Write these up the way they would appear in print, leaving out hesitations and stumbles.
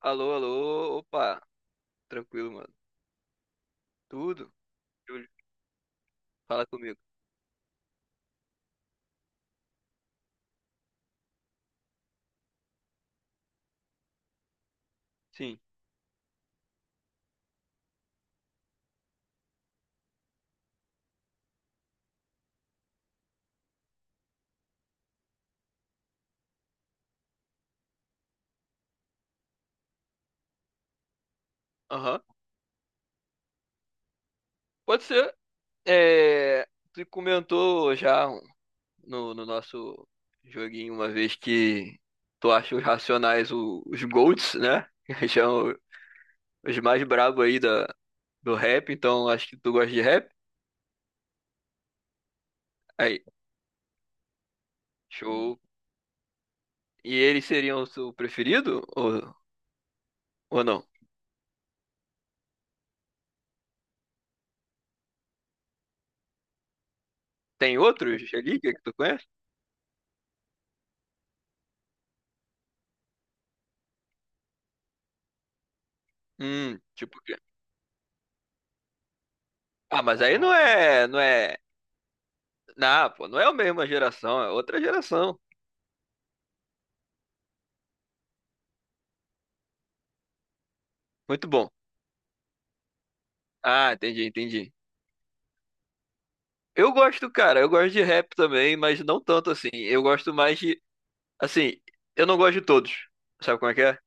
Alô, alô, opa, tranquilo, mano. Tudo? Júlio, fala comigo. Sim, aham. Pode ser. É, tu comentou já no nosso joguinho uma vez que tu acha os Racionais os GOATs, né? Que são os mais brabos aí do rap, então acho que tu gosta de rap. Aí, show. E eles seriam o seu preferido ou não? Tem outros ali que tu conhece? Tipo o quê? Ah, mas aí não é, não é. Não, pô, não é a mesma geração, é outra geração. Muito bom. Ah, entendi, entendi. Eu gosto, cara, eu gosto de rap também, mas não tanto assim. Eu gosto mais de, assim, eu não gosto de todos. Sabe como é que é?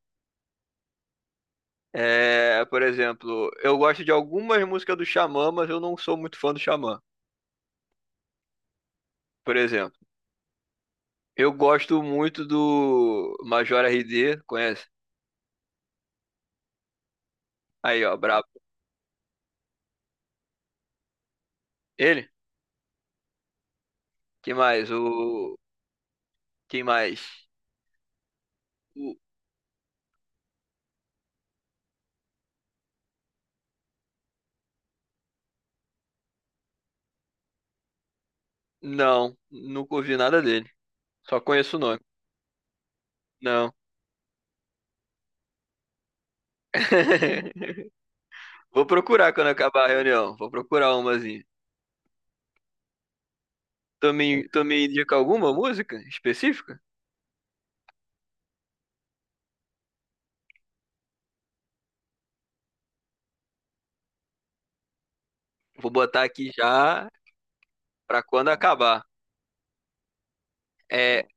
É, por exemplo, eu gosto de algumas músicas do Xamã, mas eu não sou muito fã do Xamã. Por exemplo, eu gosto muito do Major RD, conhece? Aí, ó, brabo. Ele? Quem mais? O quem mais? O... Não, nunca ouvi nada dele. Só conheço o nome. Não. Vou procurar quando acabar a reunião. Vou procurar umazinha. Tu me indica alguma música específica? Vou botar aqui já pra quando acabar. É,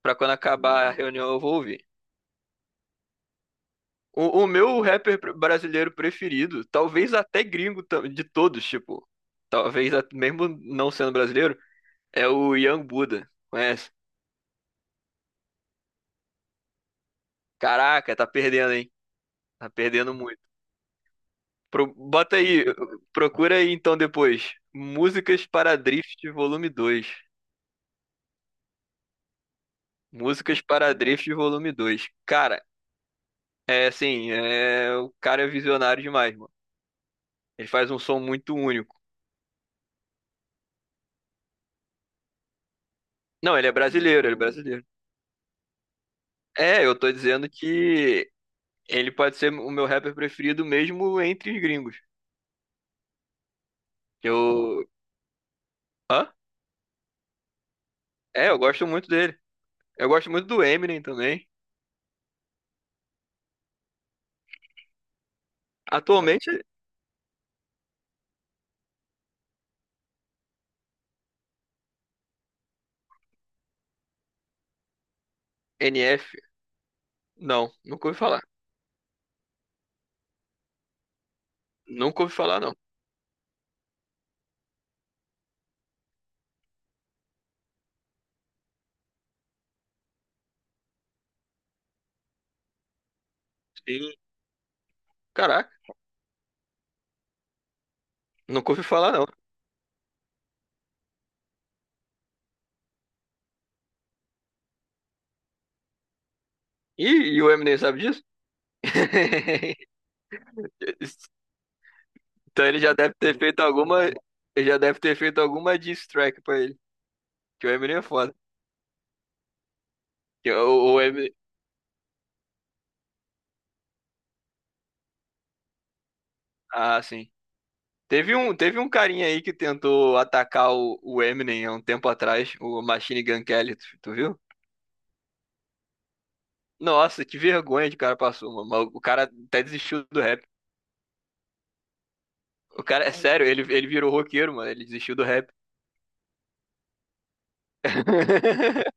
pra quando acabar a reunião eu vou ouvir. O meu rapper brasileiro preferido, talvez até gringo de todos, tipo, talvez mesmo não sendo brasileiro, é o Young Buddha. Conhece? Caraca, tá perdendo, hein? Tá perdendo muito. Bota aí, procura aí então depois. Músicas para Drift Volume dois. Cara, é assim, o cara é visionário demais, mano. Ele faz um som muito único. Não, ele é brasileiro, ele é brasileiro. É, eu tô dizendo que ele pode ser o meu rapper preferido mesmo entre os gringos. Eu. Hã? É, eu gosto muito dele. Eu gosto muito do Eminem também. Atualmente, NF. Não, nunca ouvi falar. Nunca ouvi falar, não. E, Caraca. Nunca ouvi falar, não. Ih, e o Eminem sabe disso? Então ele já deve ter feito alguma. Ele já deve ter feito alguma diss track pra ele. Que o Eminem é foda. Que o Eminem. Ah, sim. Teve um carinha aí que tentou atacar o Eminem há um tempo atrás, o Machine Gun Kelly, tu viu? Nossa, que vergonha de cara passou, mano. Mas o cara até desistiu do rap. O cara, é sério, ele virou roqueiro, mano. Ele desistiu do rap.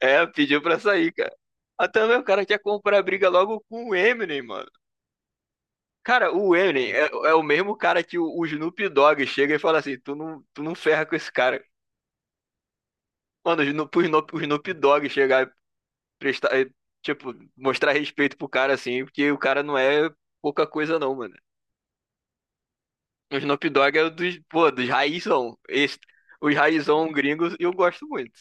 É, pediu pra sair, cara. Ah, também o cara quer comprar briga logo com o Eminem, mano. Cara, o Eminem é o mesmo cara que o Snoop Dogg chega e fala assim: tu não ferra com esse cara. Mano, o Snoop Dogg chegar e prestar, e, tipo, mostrar respeito pro cara assim, porque o cara não é pouca coisa, não, mano. O Snoop Dogg é o dos, pô, dos raizão. Os raizão gringos eu gosto muito.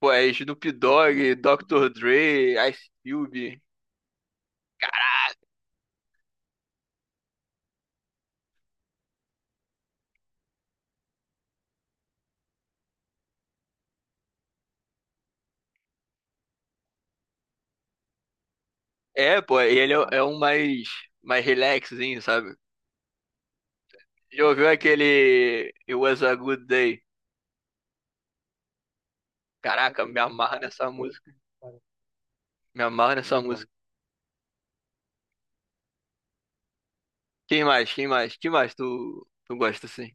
Pô, é Snoop Dogg, Dr. Dre, Ice Cube. É, pô, e ele é um mais relaxzinho, sabe? Já ouviu aquele It Was a Good Day? Caraca, me amarra nessa música. Me amarra nessa música. Quem mais? Quem mais? Quem mais tu gosta assim?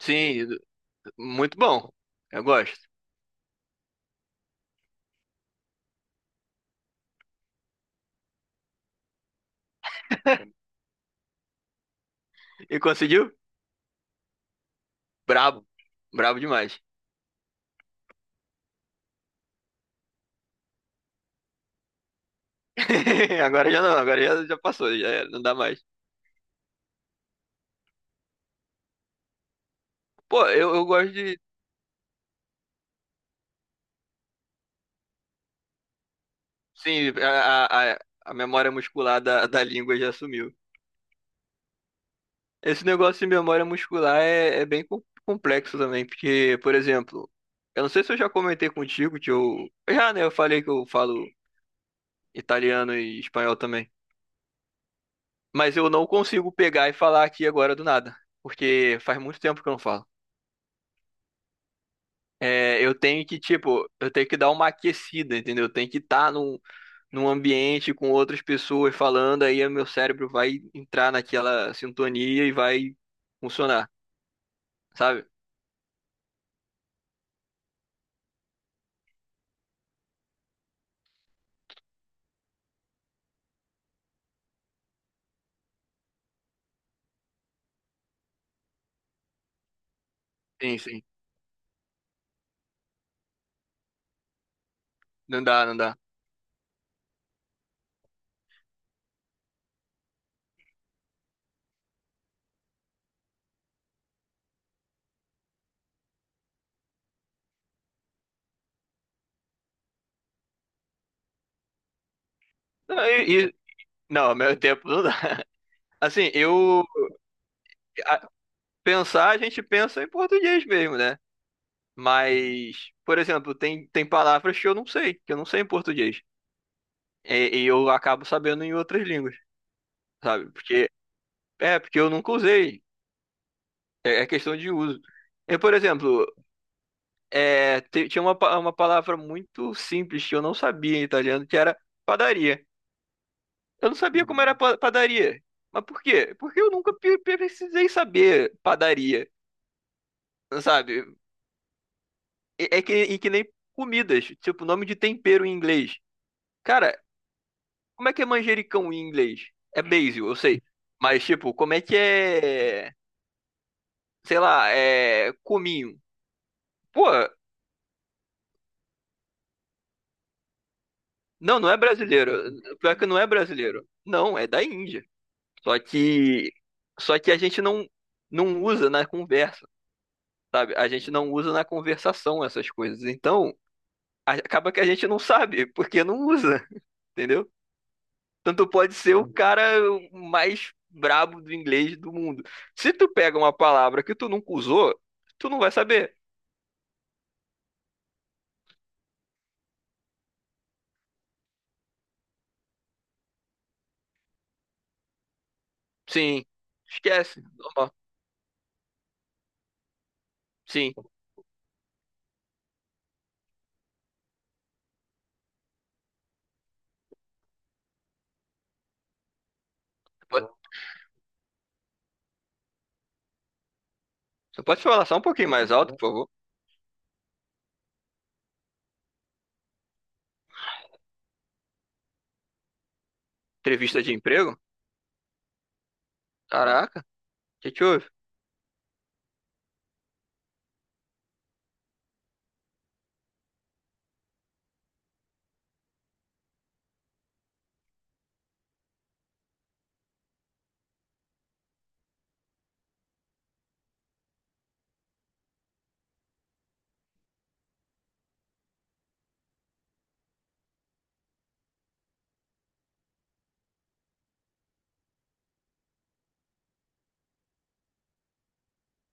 Sim, muito bom. Eu gosto. E conseguiu? Brabo. Brabo demais. Agora já não, agora já passou, já era, não dá mais. Pô, eu gosto de. Sim, a, a a memória muscular da língua já sumiu. Esse negócio de memória muscular é bem complexo também, porque, por exemplo, eu não sei se eu já comentei contigo que eu. Já, né? Eu falei que eu falo italiano e espanhol também. Mas eu não consigo pegar e falar aqui agora do nada, porque faz muito tempo que eu não falo. É, tipo, eu tenho que dar uma aquecida, entendeu? Eu tenho que estar num ambiente com outras pessoas falando, aí o meu cérebro vai entrar naquela sintonia e vai funcionar, sabe? Sim, sim. Não dá, não dá. Não, E, Não, meu tempo não dá. Assim, a- a gente pensa em português mesmo, né? Mas, por exemplo, tem palavras que eu não sei, que eu não sei em português. E eu acabo sabendo em outras línguas, sabe? Porque é porque eu nunca usei. É questão de uso. Eu, por exemplo, tinha uma palavra muito simples que eu não sabia em italiano, que era padaria. Eu não sabia como era padaria. Mas por quê? Porque eu nunca precisei saber padaria sabe? E que nem comidas, tipo, nome de tempero em inglês. Cara, como é que é manjericão em inglês? É basil, eu sei. Mas, tipo, como é que é, sei lá, é cominho? Pô, não, não é brasileiro. Pior que não é brasileiro. Não, é da Índia. Só que, só que a gente não usa na conversa, sabe? A gente não usa na conversação essas coisas. Então, acaba que a gente não sabe, porque não usa, entendeu? Tanto pode ser o cara mais brabo do inglês do mundo. Se tu pega uma palavra que tu nunca usou, tu não vai saber. Sim. Esquece. Normal. Sim. Pode- Você pode falar só um pouquinho mais alto, por favor? Entrevista de emprego? Caraca, o que que houve?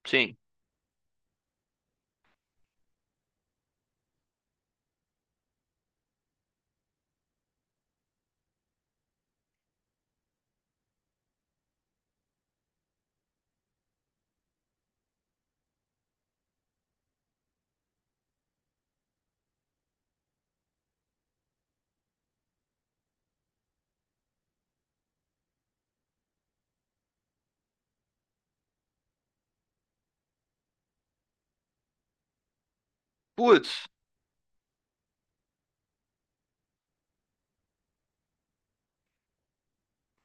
Sim. Putz,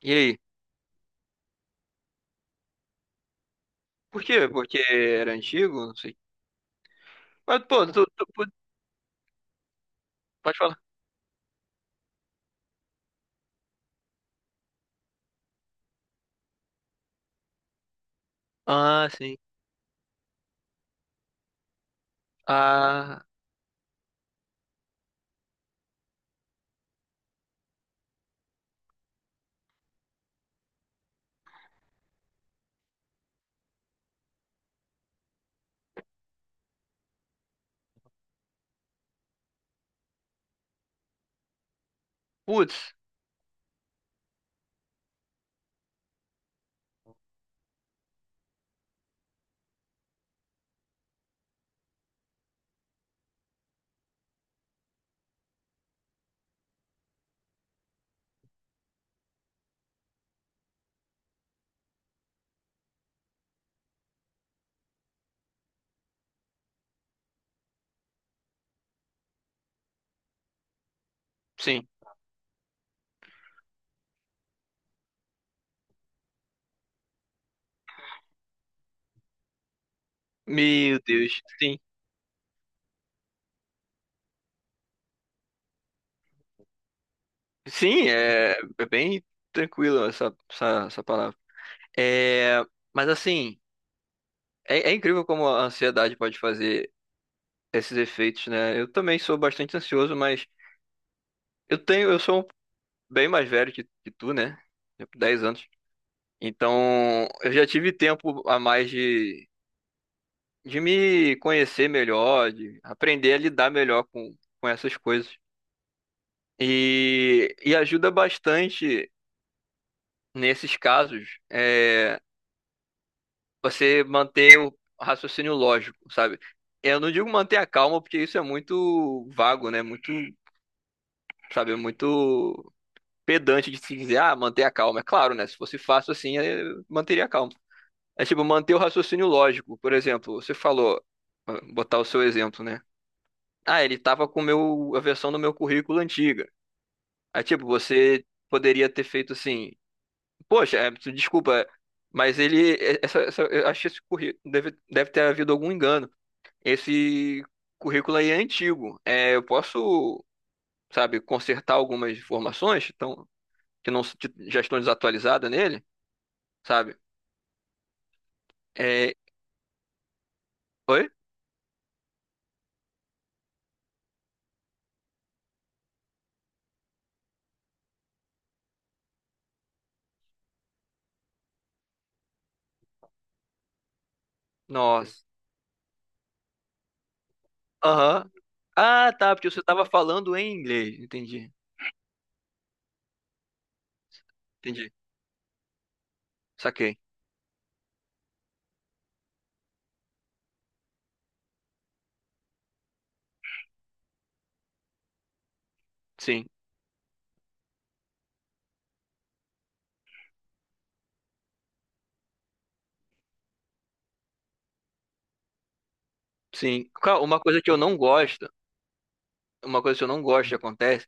e aí? Por quê? Porque era antigo? Não sei. Mas, pô, pode falar. Ah, sim. Ah, putz, sim. Meu Deus, sim. Sim, é bem tranquilo essa palavra. É, mas assim, é incrível como a ansiedade pode fazer esses efeitos, né? Eu também sou bastante ansioso, mas eu tenho, eu sou um bem mais velho que tu, né? Tipo, 10 anos. Então, eu já tive tempo a mais de me conhecer melhor, de aprender a lidar melhor com essas coisas. E ajuda bastante nesses casos. Você manter o raciocínio lógico, sabe? Eu não digo manter a calma, porque isso é muito vago, né? Muito, sabe, muito pedante de se dizer, ah, manter a calma. É claro, né? Se fosse fácil assim, eu manteria a calma. É tipo, manter o raciocínio lógico. Por exemplo, você falou, botar o seu exemplo, né? Ah, ele tava com o meu, a versão do meu currículo antiga. Aí, tipo, você poderia ter feito assim, poxa, desculpa, mas ele, eu acho que esse currículo deve ter havido algum engano. Esse currículo aí é antigo. É, eu posso, sabe, consertar algumas informações que, que não que já estão desatualizadas nele, sabe? É, oi? Nossa. Aham. Ah, tá, porque você estava falando em inglês. Entendi. Entendi. Saquei. Sim. Sim. Uma coisa que eu não gosto, uma coisa que eu não gosto que acontece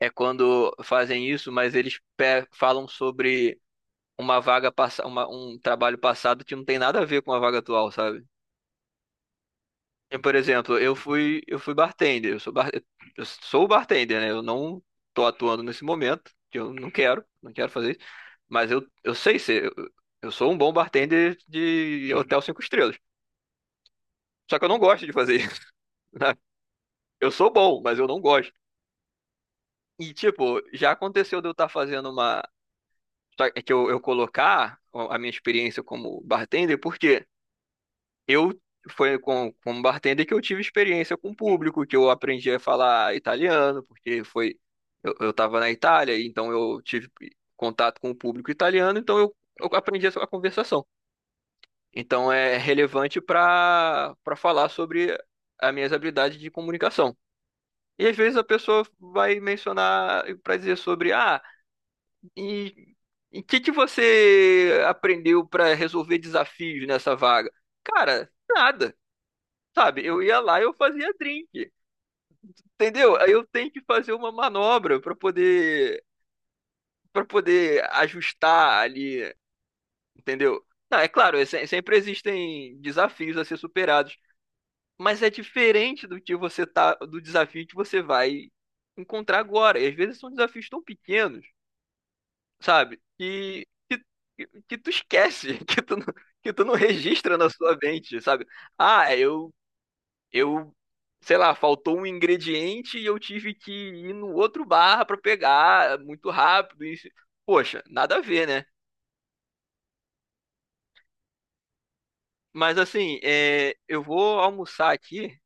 é quando fazem isso, mas eles falam sobre um trabalho passado que não tem nada a ver com a vaga atual, sabe? Eu, por exemplo, eu fui bartender, eu sou bartender, né? Eu não tô atuando nesse momento, que eu não quero, não quero fazer isso, mas eu sei ser, eu, sou um bom bartender de hotel cinco estrelas. Só que eu não gosto de fazer isso, né? Eu sou bom, mas eu não gosto. E, tipo, já aconteceu de eu estar fazendo uma. Só que eu colocar a minha experiência como bartender, porque Eu foi como bartender que eu tive experiência com o público, que eu aprendi a falar italiano, porque eu estava na Itália, então eu tive contato com o público italiano, então eu aprendi a conversação. Então é relevante para falar sobre as minhas habilidades de comunicação. E às vezes a pessoa vai mencionar para dizer sobre ah, e e o que que você aprendeu para resolver desafios nessa vaga? Cara, nada. Sabe, eu ia lá e eu fazia drink, entendeu? Aí eu tenho que fazer uma manobra para poder ajustar ali, entendeu? Não, é claro, sempre existem desafios a ser superados, mas é diferente do que você tá do desafio que você vai encontrar agora. E às vezes são desafios tão pequenos, sabe? Que tu esquece, que tu não registra na sua mente, sabe? Ah, eu, sei lá, faltou um ingrediente e eu tive que ir no outro bar pra pegar muito rápido. E, poxa, nada a ver, né? Mas assim, é, eu vou almoçar aqui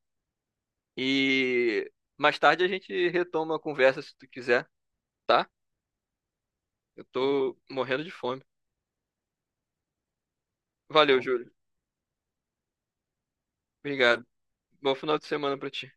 e mais tarde a gente retoma a conversa se tu quiser, tá? Eu tô morrendo de fome. Valeu, Júlio. Obrigado. Bom final de semana pra ti.